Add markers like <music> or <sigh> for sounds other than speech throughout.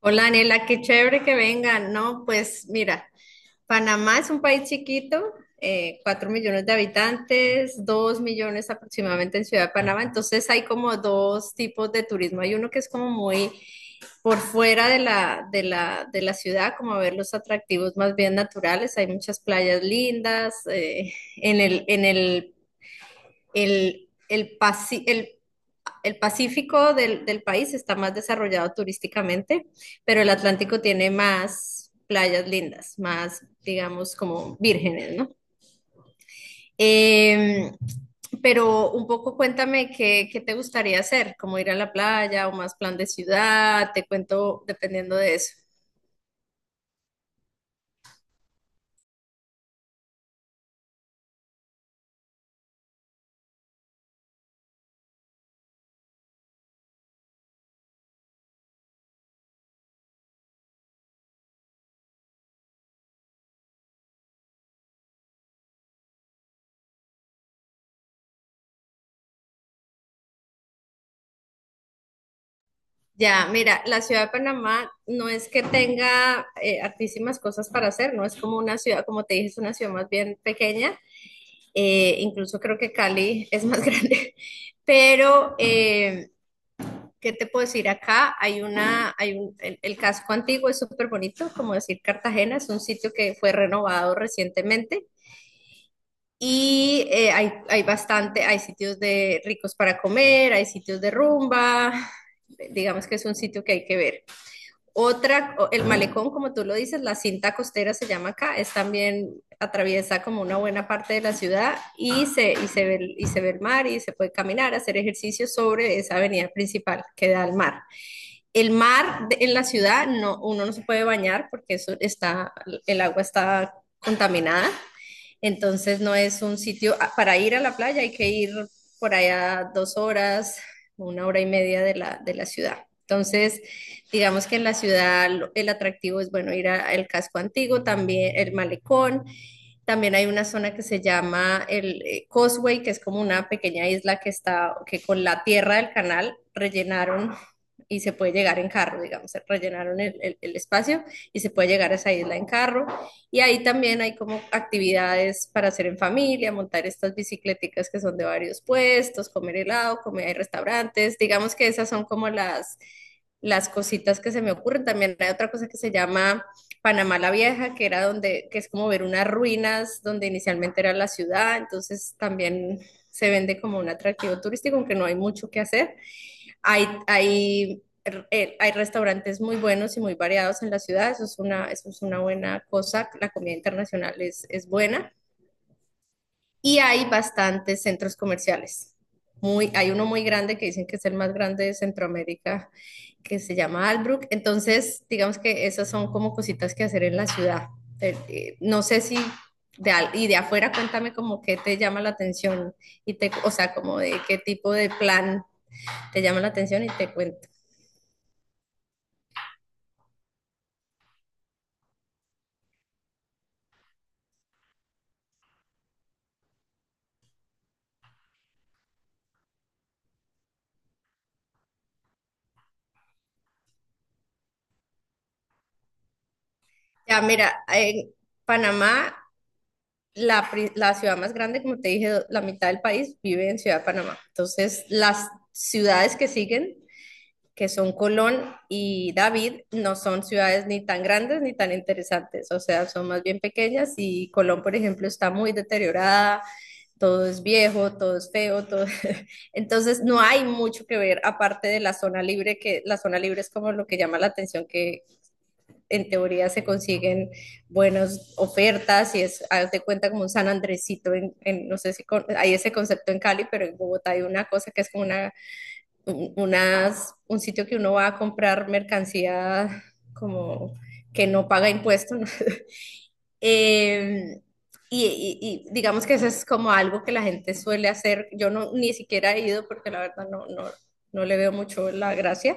Hola, Anela, qué chévere que vengan. No, pues mira, Panamá es un país chiquito, 4 millones de habitantes, 2 millones aproximadamente en Ciudad de Panamá, entonces hay como dos tipos de turismo. Hay uno que es como muy por fuera de la, de la ciudad, como a ver los atractivos más bien naturales. Hay muchas playas lindas, en el, pasi- el Pacífico del país está más desarrollado turísticamente, pero el Atlántico tiene más playas lindas, más, digamos, como vírgenes, ¿no? Eh, pero un poco cuéntame qué, qué te gustaría hacer, como ir a la playa o más plan de ciudad, te cuento dependiendo de eso. Ya, mira, la ciudad de Panamá no es que tenga hartísimas cosas para hacer, no es como una ciudad, como te dije, es una ciudad más bien pequeña. Incluso creo que Cali <laughs> es más grande, pero ¿qué te puedo decir acá? Hay una, hay un, el casco antiguo es súper bonito, como decir Cartagena, es un sitio que fue renovado recientemente y hay bastante, hay sitios de ricos para comer, hay sitios de rumba, digamos que es un sitio que hay que ver. Otra, el malecón, como tú lo dices, la cinta costera se llama acá, es también, atraviesa como una buena parte de la ciudad y se ve el mar y se puede caminar, hacer ejercicio sobre esa avenida principal que da al mar. En la ciudad, no, uno no se puede bañar porque eso está, el agua está contaminada. Entonces no es un sitio. Ah, para ir a la playa hay que ir por allá 2 horas, una hora y media de la ciudad. Entonces, digamos que en la ciudad el atractivo es, bueno, ir al casco antiguo, también el malecón. También hay una zona que se llama el Causeway, que es como una pequeña isla que está, que con la tierra del canal rellenaron y se puede llegar en carro, digamos, rellenaron el espacio y se puede llegar a esa isla en carro. Y ahí también hay como actividades para hacer en familia, montar estas bicicleticas que son de varios puestos, comer helado, comer en restaurantes. Digamos que esas son como las cositas que se me ocurren. También hay otra cosa que se llama Panamá la Vieja, que es como ver unas ruinas donde inicialmente era la ciudad. Entonces también se vende como un atractivo turístico, aunque no hay mucho que hacer. Hay, hay, Hay restaurantes muy buenos y muy variados en la ciudad, eso es una buena cosa, la comida internacional es buena y hay bastantes centros comerciales. Hay uno muy grande que dicen que es el más grande de Centroamérica, que se llama Albrook. Entonces, digamos que esas son como cositas que hacer en la ciudad. No sé si y de afuera cuéntame como qué te llama la atención y te, o sea, como de qué tipo de plan te llama la atención y te cuento. Ya, mira, en Panamá, la ciudad más grande, como te dije, la mitad del país vive en Ciudad de Panamá. Entonces, las ciudades que siguen, que son Colón y David, no son ciudades ni tan grandes ni tan interesantes. O sea, son más bien pequeñas y Colón, por ejemplo, está muy deteriorada. Todo es viejo, todo es feo, todo... <laughs> Entonces no hay mucho que ver aparte de la zona libre, que la zona libre es como lo que llama la atención, que en teoría se consiguen buenas ofertas y es, hazte cuenta como un San Andresito, no sé si con, hay ese concepto en Cali, pero en Bogotá hay una cosa que es como un sitio que uno va a comprar mercancía como que no paga impuestos, ¿no? <laughs> Eh, y, digamos que eso es como algo que la gente suele hacer. Yo no, ni siquiera he ido porque la verdad no le veo mucho la gracia,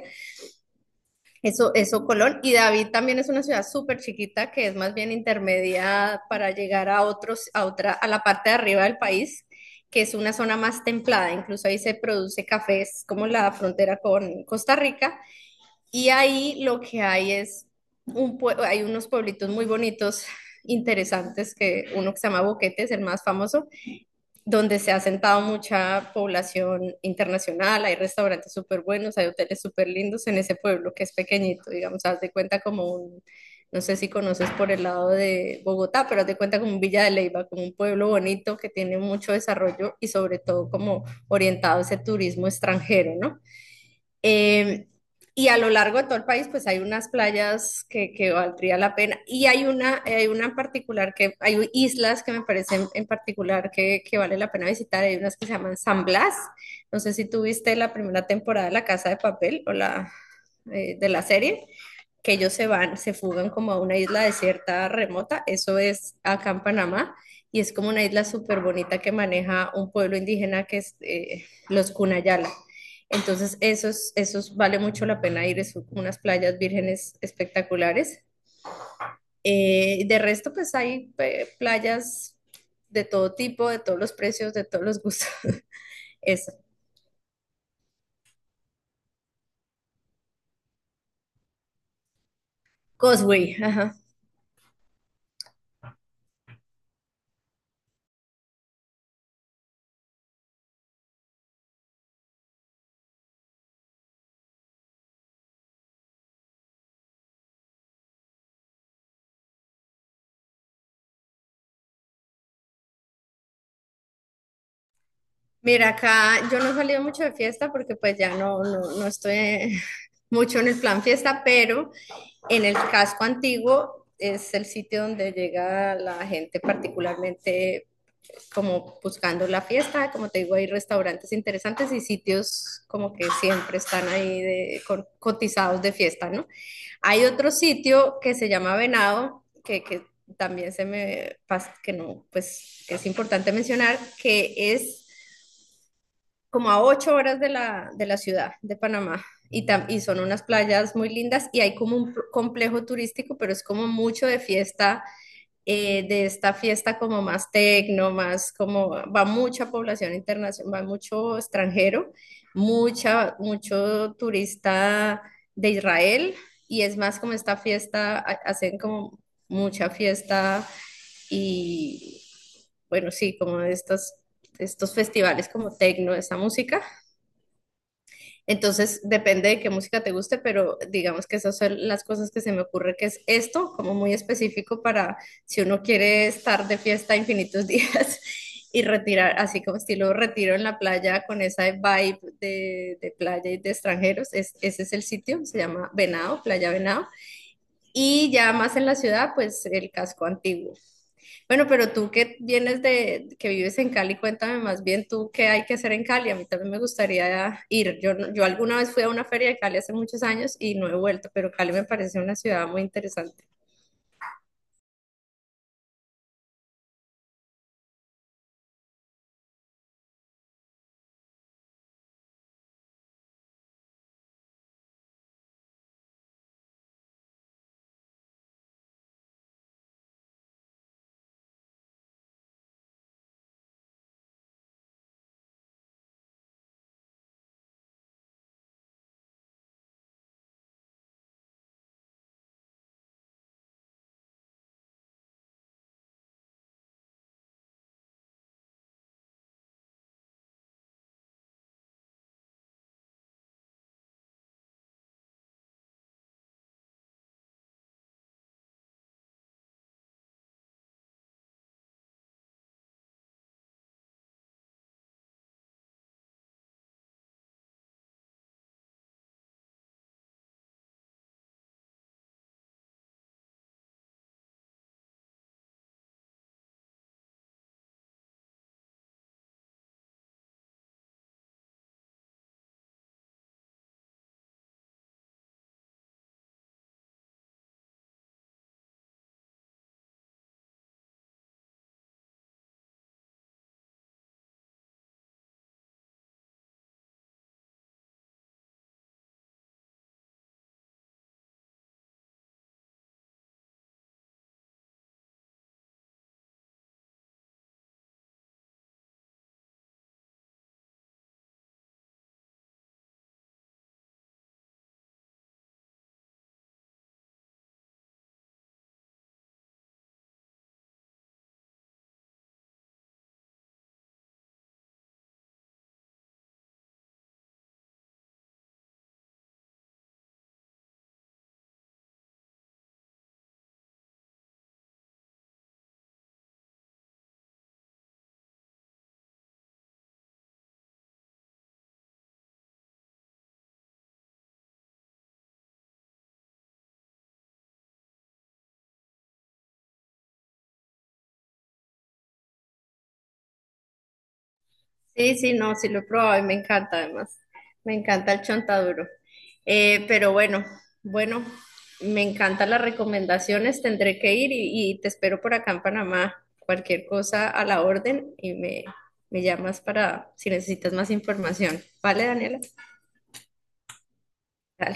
eso, Colón. Y David también es una ciudad súper chiquita que es más bien intermedia para llegar a otros, a otra, a la parte de arriba del país, que es una zona más templada. Incluso ahí se produce café, es como la frontera con Costa Rica. Y ahí lo que hay es hay unos pueblitos muy bonitos, interesantes, que uno que se llama Boquete es el más famoso, donde se ha sentado mucha población internacional, hay restaurantes súper buenos, hay hoteles súper lindos en ese pueblo que es pequeñito. Digamos, haz de cuenta como un, no sé si conoces por el lado de Bogotá, pero haz de cuenta como un Villa de Leyva, como un pueblo bonito que tiene mucho desarrollo y sobre todo como orientado a ese turismo extranjero, ¿no? Eh, y a lo largo de todo el país, pues hay unas playas que valdría la pena. Y hay una en particular que, hay islas que me parecen en particular que vale la pena visitar. Hay unas que se llaman San Blas. No sé si tuviste la primera temporada de La Casa de Papel o la de la serie, que ellos se van, se fugan como a una isla desierta remota. Eso es acá en Panamá. Y es como una isla súper bonita que maneja un pueblo indígena que es los Cunayala. Entonces, esos, esos vale mucho la pena ir, es unas playas vírgenes espectaculares. De resto, pues hay playas de todo tipo, de todos los precios, de todos los gustos. <laughs> Eso. Causeway, ajá. Mira, acá yo no he salido mucho de fiesta porque pues ya no estoy <laughs> mucho en el plan fiesta, pero en el casco antiguo es el sitio donde llega la gente particularmente como buscando la fiesta, como te digo, hay restaurantes interesantes y sitios como que siempre están ahí de, con, cotizados de fiesta, ¿no? Hay otro sitio que se llama Venado, que también se me pasa, que no, pues que es importante mencionar, que es como a 8 horas de la ciudad de Panamá. Y son unas playas muy lindas y hay como complejo turístico, pero es como mucho de fiesta, de esta fiesta como más tecno, más como va mucha población internacional, va mucho extranjero, mucho turista de Israel y es más como esta fiesta, hacen como mucha fiesta y bueno, sí, como de estos festivales como tecno, esta música. Entonces, depende de qué música te guste, pero digamos que esas son las cosas que se me ocurre, que es esto, como muy específico para si uno quiere estar de fiesta infinitos días <laughs> y retirar, así como estilo retiro en la playa con esa vibe de playa y de extranjeros, es, ese es el sitio, se llama Venado, Playa Venado, y ya más en la ciudad, pues el casco antiguo. Bueno, pero tú que vienes de, que vives en Cali, cuéntame más bien tú qué hay que hacer en Cali. A mí también me gustaría ir. Yo, yo alguna vez fui a una feria de Cali hace muchos años y no he vuelto, pero Cali me parece una ciudad muy interesante. Sí, sí, no, sí lo he probado y me encanta además. Me encanta el chontaduro. Pero bueno, bueno, me encantan las recomendaciones. Tendré que ir y te espero por acá en Panamá. Cualquier cosa a la orden y me llamas para si necesitas más información. ¿Vale, Daniela? Dale.